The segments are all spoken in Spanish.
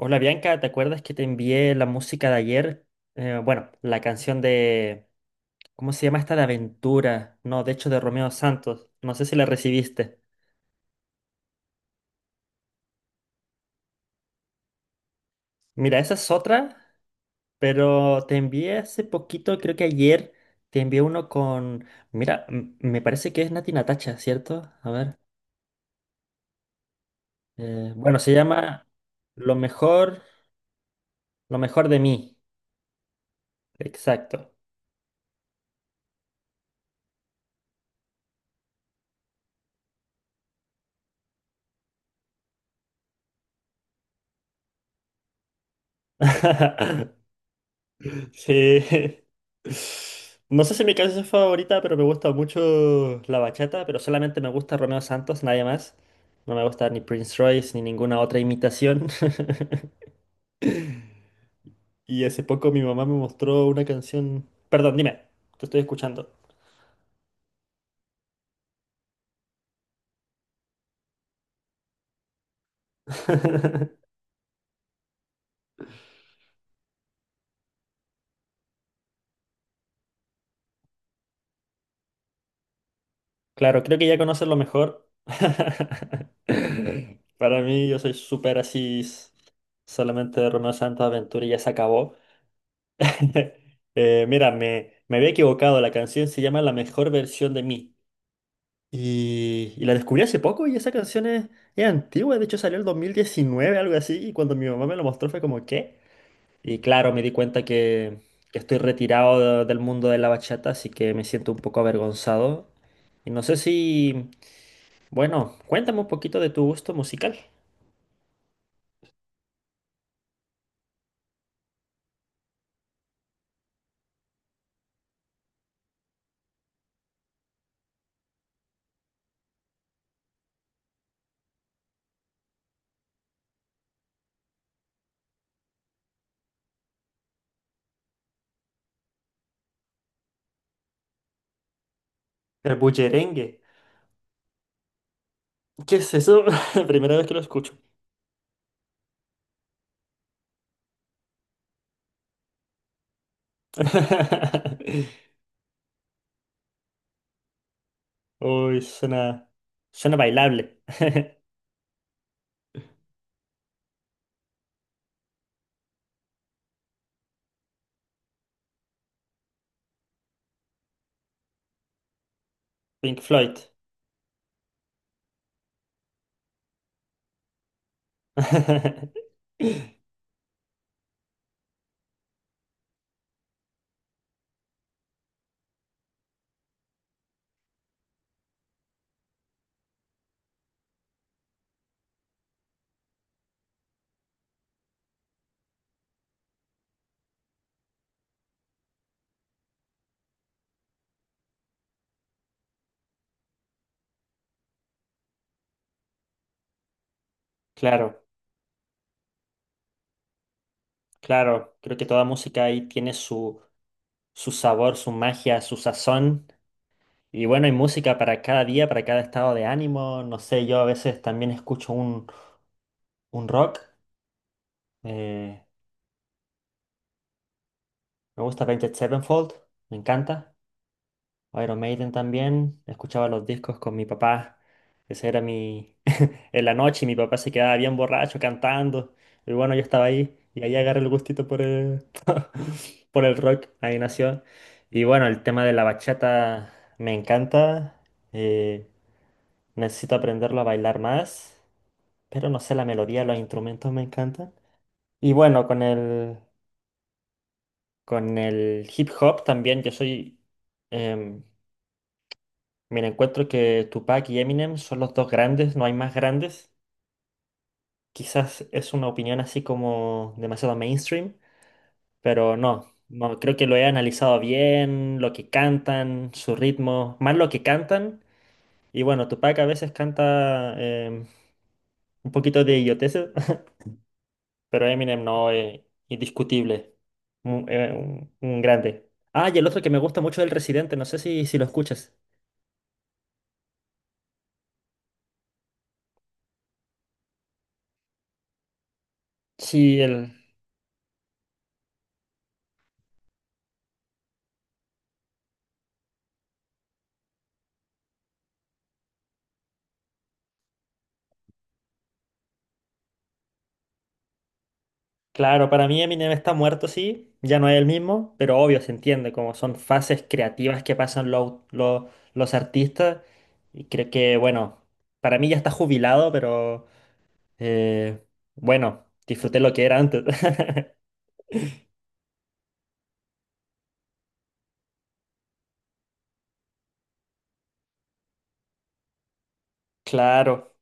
Hola Bianca, ¿te acuerdas que te envié la música de ayer? Bueno, la canción de... ¿Cómo se llama esta de Aventura? No, de hecho de Romeo Santos. No sé si la recibiste. Mira, esa es otra, pero te envié hace poquito, creo que ayer, te envié uno con... Mira, me parece que es Nati Natacha, ¿cierto? A ver. Bueno, Se llama lo mejor, lo mejor de mí. Exacto. Sí. No sé si mi canción es favorita, pero me gusta mucho la bachata, pero solamente me gusta Romeo Santos, nadie más. No me gusta ni Prince Royce ni ninguna otra imitación. Y hace poco mi mamá me mostró una canción. Perdón, dime, te estoy escuchando. Claro, creo que ya conoces lo mejor. Para mí, yo soy súper así, solamente de Romeo Santos Aventura y ya se acabó. Mira, me había equivocado. La canción se llama La mejor versión de mí. Y la descubrí hace poco y esa canción es antigua. De hecho, salió el 2019, algo así. Y cuando mi mamá me lo mostró fue como, ¿qué? Y claro, me di cuenta que estoy retirado del mundo de la bachata, así que me siento un poco avergonzado. Y no sé si, bueno, cuéntame un poquito de tu gusto musical. El bullerengue. ¿Qué es eso? Primera vez que lo escucho. Uy, suena bailable. Pink Floyd. Claro, claro. Creo que toda música ahí tiene su, su sabor, su magia, su sazón. Y bueno, hay música para cada día, para cada estado de ánimo. No sé, yo a veces también escucho un rock. Eh, Me gusta Avenged Sevenfold, me encanta. Iron Maiden también. Escuchaba los discos con mi papá. Ese era mi, en la noche y mi papá se quedaba bien borracho cantando. Y bueno, yo estaba ahí y ahí agarré el gustito por el, por el rock, ahí nació. Y bueno, el tema de la bachata me encanta. eh, Necesito aprenderlo a bailar más, pero no sé, la melodía, los instrumentos me encantan. Y bueno, con el hip hop también, yo soy... em, Mira, encuentro que Tupac y Eminem son los dos grandes, no hay más grandes. Quizás es una opinión así como demasiado mainstream, pero no, no, creo que lo he analizado bien, lo que cantan, su ritmo, más lo que cantan. Y bueno, Tupac a veces canta un poquito de idioteces, pero Eminem no, es indiscutible, un grande. Ah, y el otro que me gusta mucho es el Residente, no sé si, si lo escuchas. Sí, el, claro, para mí Eminem está muerto, sí, ya no es el mismo, pero obvio se entiende, como son fases creativas que pasan los artistas. Y creo que, bueno, para mí ya está jubilado, pero eh, bueno, disfruté lo que era antes. Claro,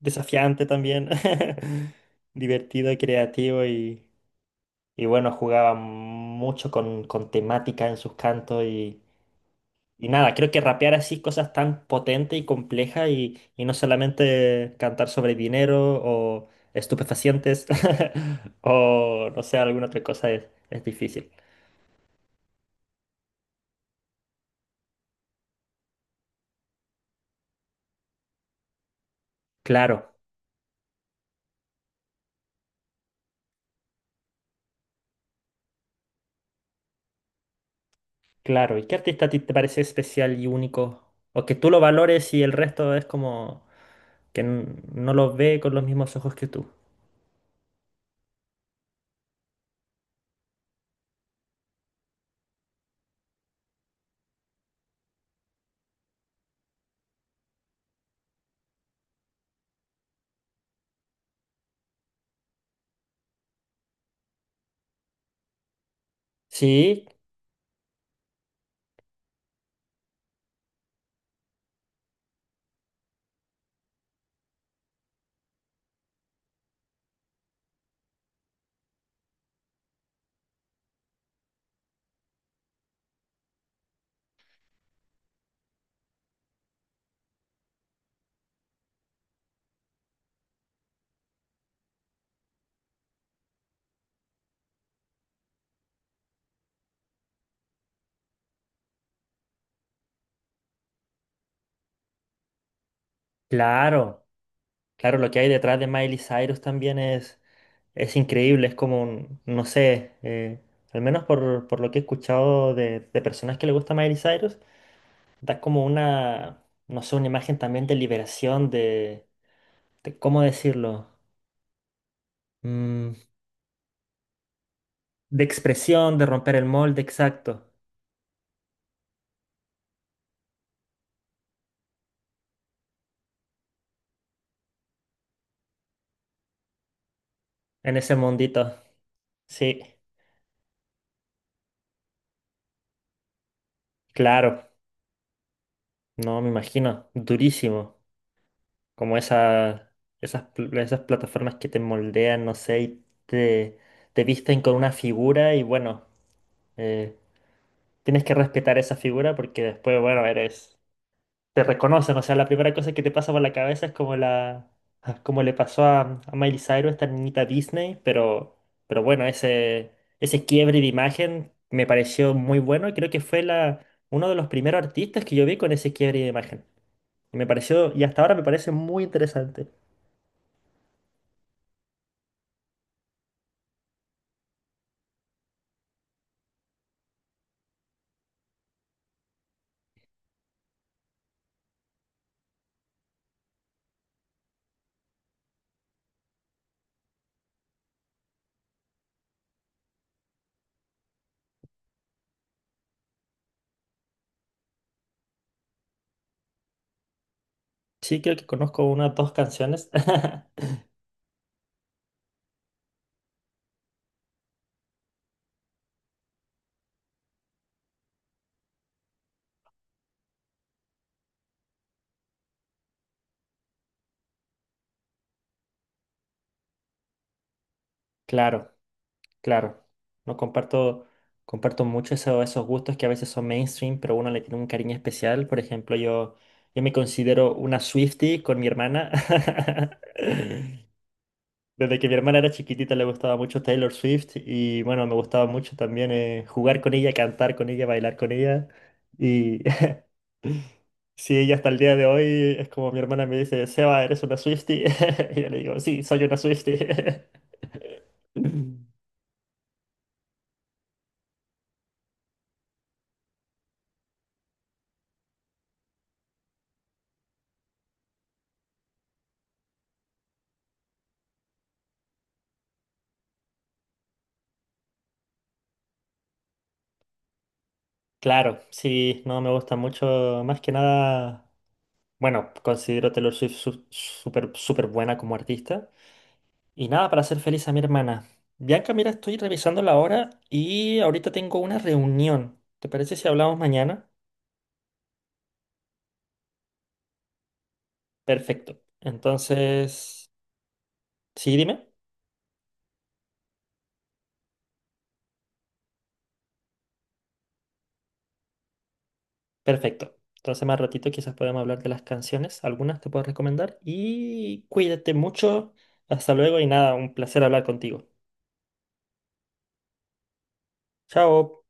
desafiante también, divertido y creativo y bueno, jugaba mucho con temática en sus cantos y nada, creo que rapear así cosas tan potentes y complejas y no solamente cantar sobre dinero o estupefacientes o no sé, alguna otra cosa es difícil. Claro, claro. ¿Y qué artista a ti te parece especial y único? O que tú lo valores y el resto es como que no lo ve con los mismos ojos que tú. Sí, claro. Claro, lo que hay detrás de Miley Cyrus también es increíble, es como, no sé, al menos por lo que he escuchado de personas que le gusta Miley Cyrus, da como una, no sé, una imagen también de liberación, de ¿cómo decirlo? Mm, de expresión, de romper el molde, exacto, en ese mundito. Sí, claro, no me imagino, durísimo, como esa, esas, esas plataformas que te moldean, no sé, te visten con una figura y bueno. eh, Tienes que respetar esa figura porque después, bueno, eres, te reconocen. O sea, la primera cosa que te pasa por la cabeza es como la, ah, como le pasó a Miley Cyrus, esta niñita Disney, pero bueno, ese quiebre de imagen me pareció muy bueno y creo que fue la, uno de los primeros artistas que yo vi con ese quiebre de imagen. Y me pareció, y hasta ahora me parece muy interesante. Sí, creo que conozco unas dos canciones. Claro. Claro, no comparto, comparto mucho esos gustos que a veces son mainstream, pero uno le tiene un cariño especial. Por ejemplo, yo me considero una Swiftie con mi hermana. Desde que mi hermana era chiquitita le gustaba mucho Taylor Swift y bueno, me gustaba mucho también jugar con ella, cantar con ella, bailar con ella. Y sí, ella hasta el día de hoy es como mi hermana me dice, Seba, ¿eres una Swiftie? Y yo le digo, sí, soy una Swiftie. Claro, sí, no me gusta mucho. Más que nada, bueno, considero Taylor Swift súper súper buena como artista. Y nada, para hacer feliz a mi hermana. Bianca, mira, estoy revisando la hora y ahorita tengo una reunión. ¿Te parece si hablamos mañana? Perfecto. Entonces, sí, dime. Perfecto. Entonces, más ratito quizás podemos hablar de las canciones. Algunas te puedo recomendar. Y cuídate mucho. Hasta luego y nada, un placer hablar contigo. Chao.